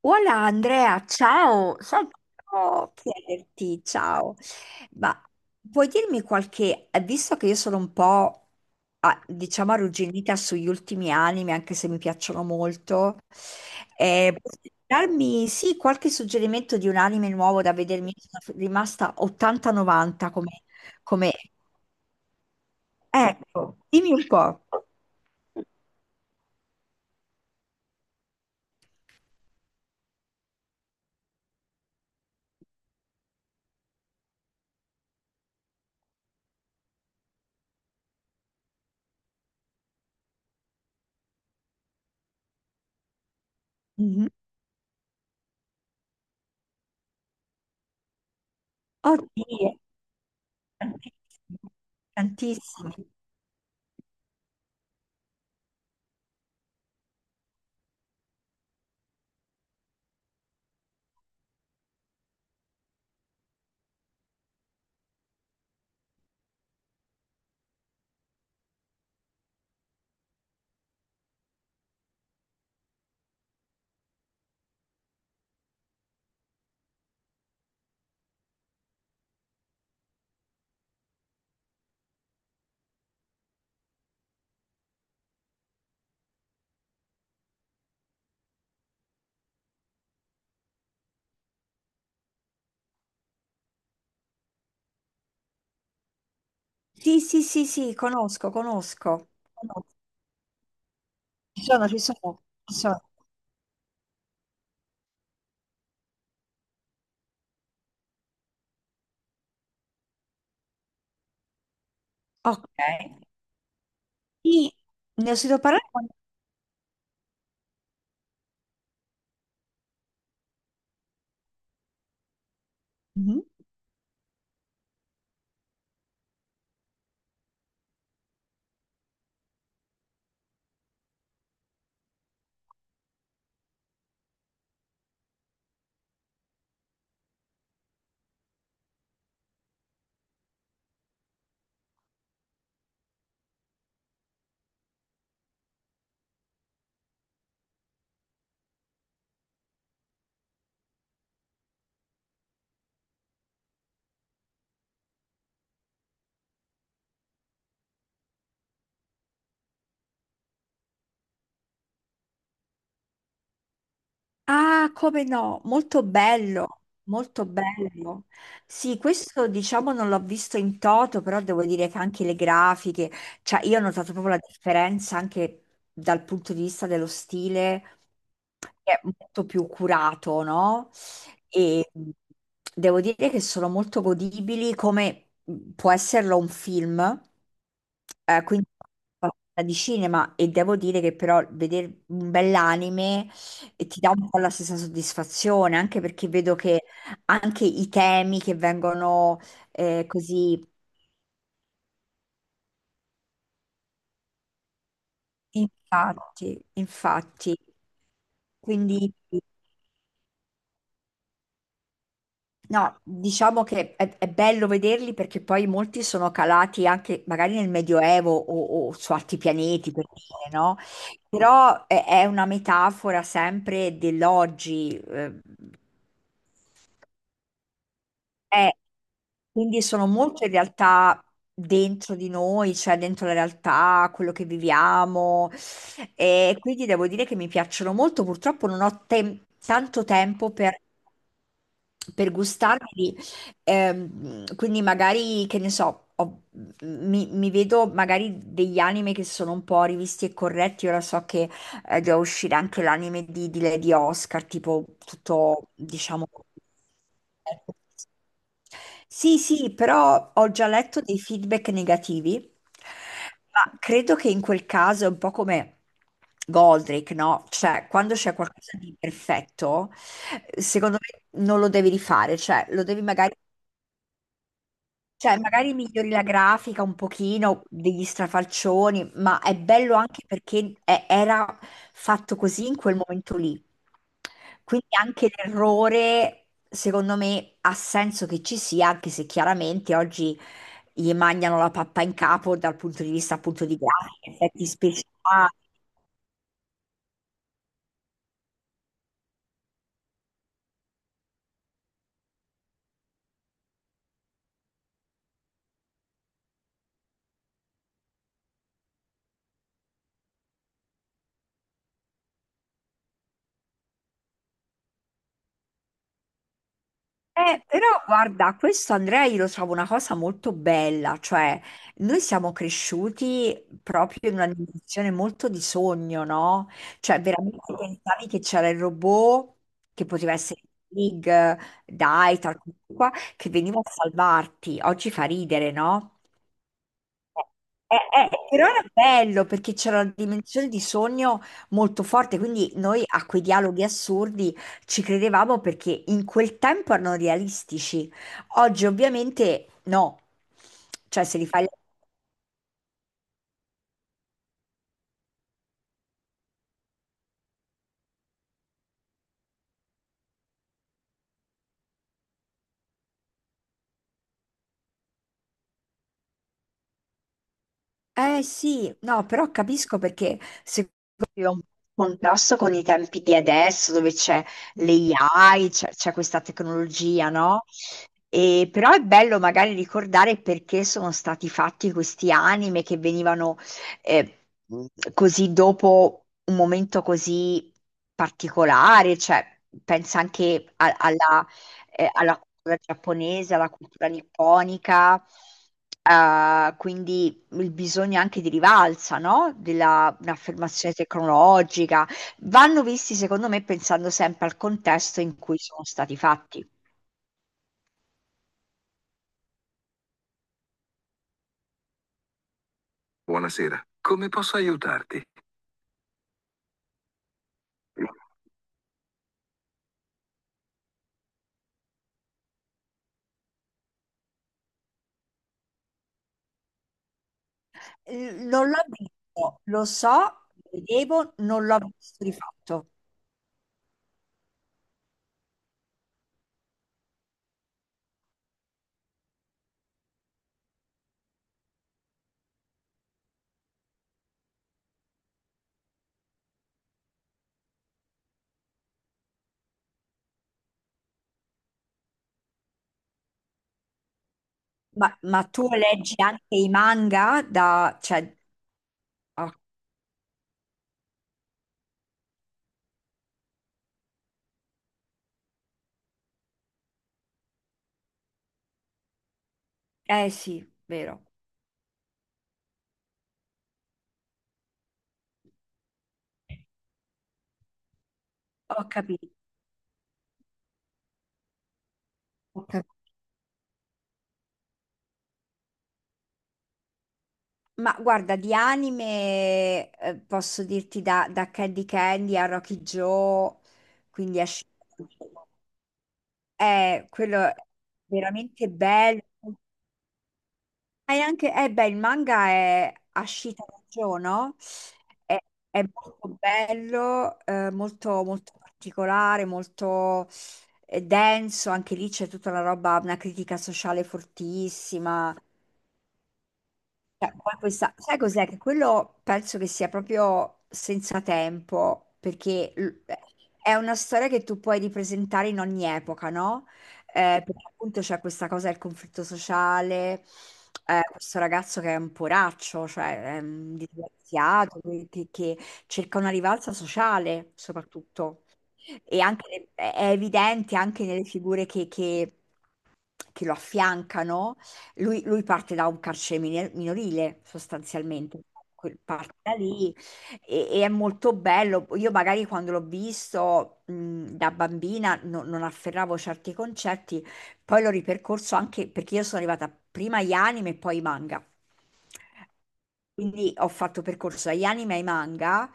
Hola Andrea, ciao, sai che volevo chiederti, ciao, ma puoi dirmi qualche, visto che io sono un po', diciamo, arrugginita sugli ultimi anime, anche se mi piacciono molto, puoi darmi, sì, qualche suggerimento di un anime nuovo da vedermi? Sono rimasta 80-90 come, come- ecco, dimmi un po'. Mhm. Oddio, tantissimi, tantissimi. Sì, sì, sì, sì, conosco, conosco. Conosco. Ci sono, ci sono, ci sono. Ok. Sì, ne ho sentito parlare. Mhm. Ah, come no, molto bello, molto bello. Sì, questo diciamo non l'ho visto in toto, però devo dire che anche le grafiche, cioè io ho notato proprio la differenza anche dal punto di vista dello stile, che è molto più curato, no? E devo dire che sono molto godibili, come può esserlo un film, quindi di cinema, e devo dire che però vedere un bell'anime e ti dà un po' la stessa soddisfazione, anche perché vedo che anche i temi che vengono così, infatti, infatti, quindi no, diciamo che è bello vederli perché poi molti sono calati anche magari nel Medioevo o su altri pianeti, per dire, no? Però è una metafora sempre dell'oggi. Eh, quindi sono molte realtà dentro di noi, cioè dentro la realtà, quello che viviamo. E quindi devo dire che mi piacciono molto. Purtroppo non ho tanto tempo per gustarli. Quindi magari, che ne so, mi vedo magari degli anime che sono un po' rivisti e corretti. Ora so che doveva uscire anche l'anime di Lady Oscar, tipo tutto, diciamo. Sì, sì, però ho già letto dei feedback negativi, ma credo che in quel caso è un po' come Goldrake, no? Cioè, quando c'è qualcosa di perfetto, secondo me non lo devi rifare, cioè lo devi magari, cioè, magari migliori la grafica un pochino degli strafalcioni, ma è bello anche perché era fatto così in quel momento lì. Quindi anche l'errore, secondo me, ha senso che ci sia, anche se chiaramente oggi gli mangiano la pappa in capo dal punto di vista appunto di grafica, effetti speciali. Però guarda, questo Andrea io lo trovo una cosa molto bella, cioè noi siamo cresciuti proprio in una dimensione molto di sogno, no? Cioè veramente pensavi che c'era il robot, che poteva essere Big, Dai, tal qua, che veniva a salvarti. Oggi fa ridere, no? Però era bello perché c'era una dimensione di sogno molto forte, quindi noi a quei dialoghi assurdi ci credevamo perché in quel tempo erano realistici. Oggi ovviamente no, cioè se li fai. Eh sì, no, però capisco perché è un contrasto con i tempi di adesso, dove c'è l'AI, c'è questa tecnologia, no? E, però è bello magari ricordare perché sono stati fatti questi anime che venivano eh, così dopo un momento così particolare, cioè pensa anche alla alla cultura giapponese, alla cultura nipponica, quindi il bisogno anche di rivalsa, no? Della, un'affermazione tecnologica. Vanno visti, secondo me, pensando sempre al contesto in cui sono stati fatti. Buonasera, come posso aiutarti? Non l'ho visto, lo so, lo vedevo, non l'ho visto di fatto. Ma tu leggi anche i manga da. Cioè, oh, eh sì, vero. Ho capito, ho capito. Ma guarda, di anime posso dirti da Candy Candy a Rocky Joe, quindi a. Sh- eh, quello è veramente bello. E anche, eh beh, il manga è Ashita no Joe, no? È, è molto bello, molto, molto particolare, molto denso. Anche lì c'è tutta la roba, una critica sociale fortissima. Cioè, poi questa, sai cos'è? Che quello penso che sia proprio senza tempo, perché è una storia che tu puoi ripresentare in ogni epoca, no? Perché appunto c'è questa cosa del conflitto sociale, questo ragazzo che è un poraccio, cioè è un disgraziato, che cerca una rivalsa sociale soprattutto. E anche, è evidente anche nelle figure che lo affiancano, lui parte da un carcere minorile sostanzialmente, parte da lì e è molto bello. Io magari quando l'ho visto da bambina non afferravo certi concetti, poi l'ho ripercorso anche perché io sono arrivata prima agli anime e poi ai manga. Quindi ho fatto percorso agli anime e ai manga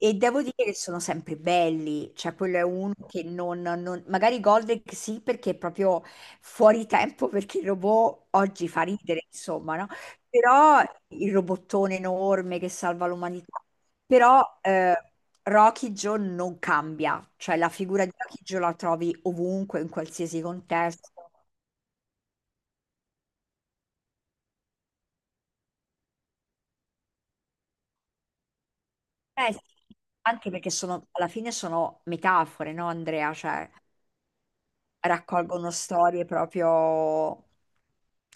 e devo dire che sono sempre belli, cioè quello è uno che magari Goldrick sì perché è proprio fuori tempo perché il robot oggi fa ridere, insomma, no? Però il robottone enorme che salva l'umanità. Però Rocky Joe non cambia, cioè la figura di Rocky Joe la trovi ovunque, in qualsiasi contesto. Eh sì, anche perché sono, alla fine sono metafore, no Andrea? Cioè, raccolgono storie proprio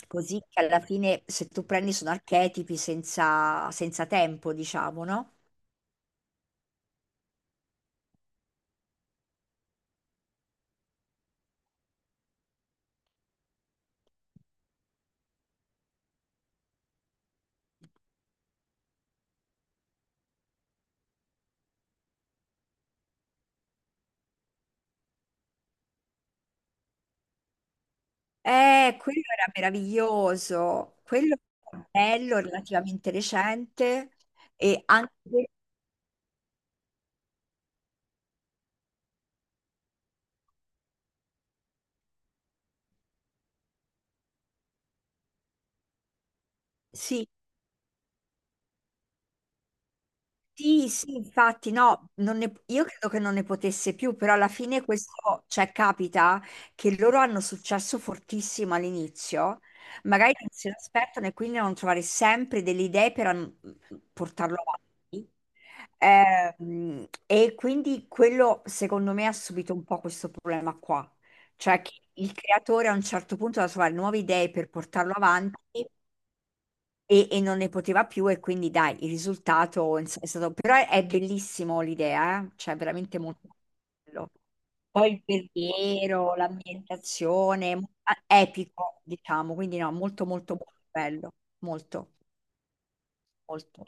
così che alla fine se tu prendi sono archetipi senza, senza tempo, diciamo, no? Quello era meraviglioso, quello era bello, relativamente recente e anche, sì, sì, sì, infatti, no, non ne- io credo che non ne potesse più, però alla fine questo, cioè, capita che loro hanno successo fortissimo all'inizio, magari non se l'aspettano e quindi devono trovare sempre delle idee per portarlo avanti. E quindi quello, secondo me, ha subito un po' questo problema qua, cioè che il creatore a un certo punto deve trovare nuove idee per portarlo avanti e non ne poteva più e quindi dai, il risultato è stato. Però è bellissimo l'idea, eh? Cioè veramente molto bello. Poi il verriero, l'ambientazione, ah, epico, diciamo, quindi no, molto molto molto bello, molto, molto.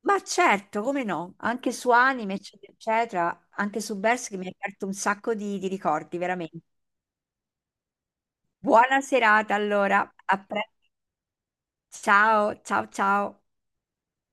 Ma certo, come no, anche su anime, eccetera, eccetera, anche su Berserk mi ha aperto un sacco di ricordi, veramente. Buona serata allora, ciao, ciao, ciao.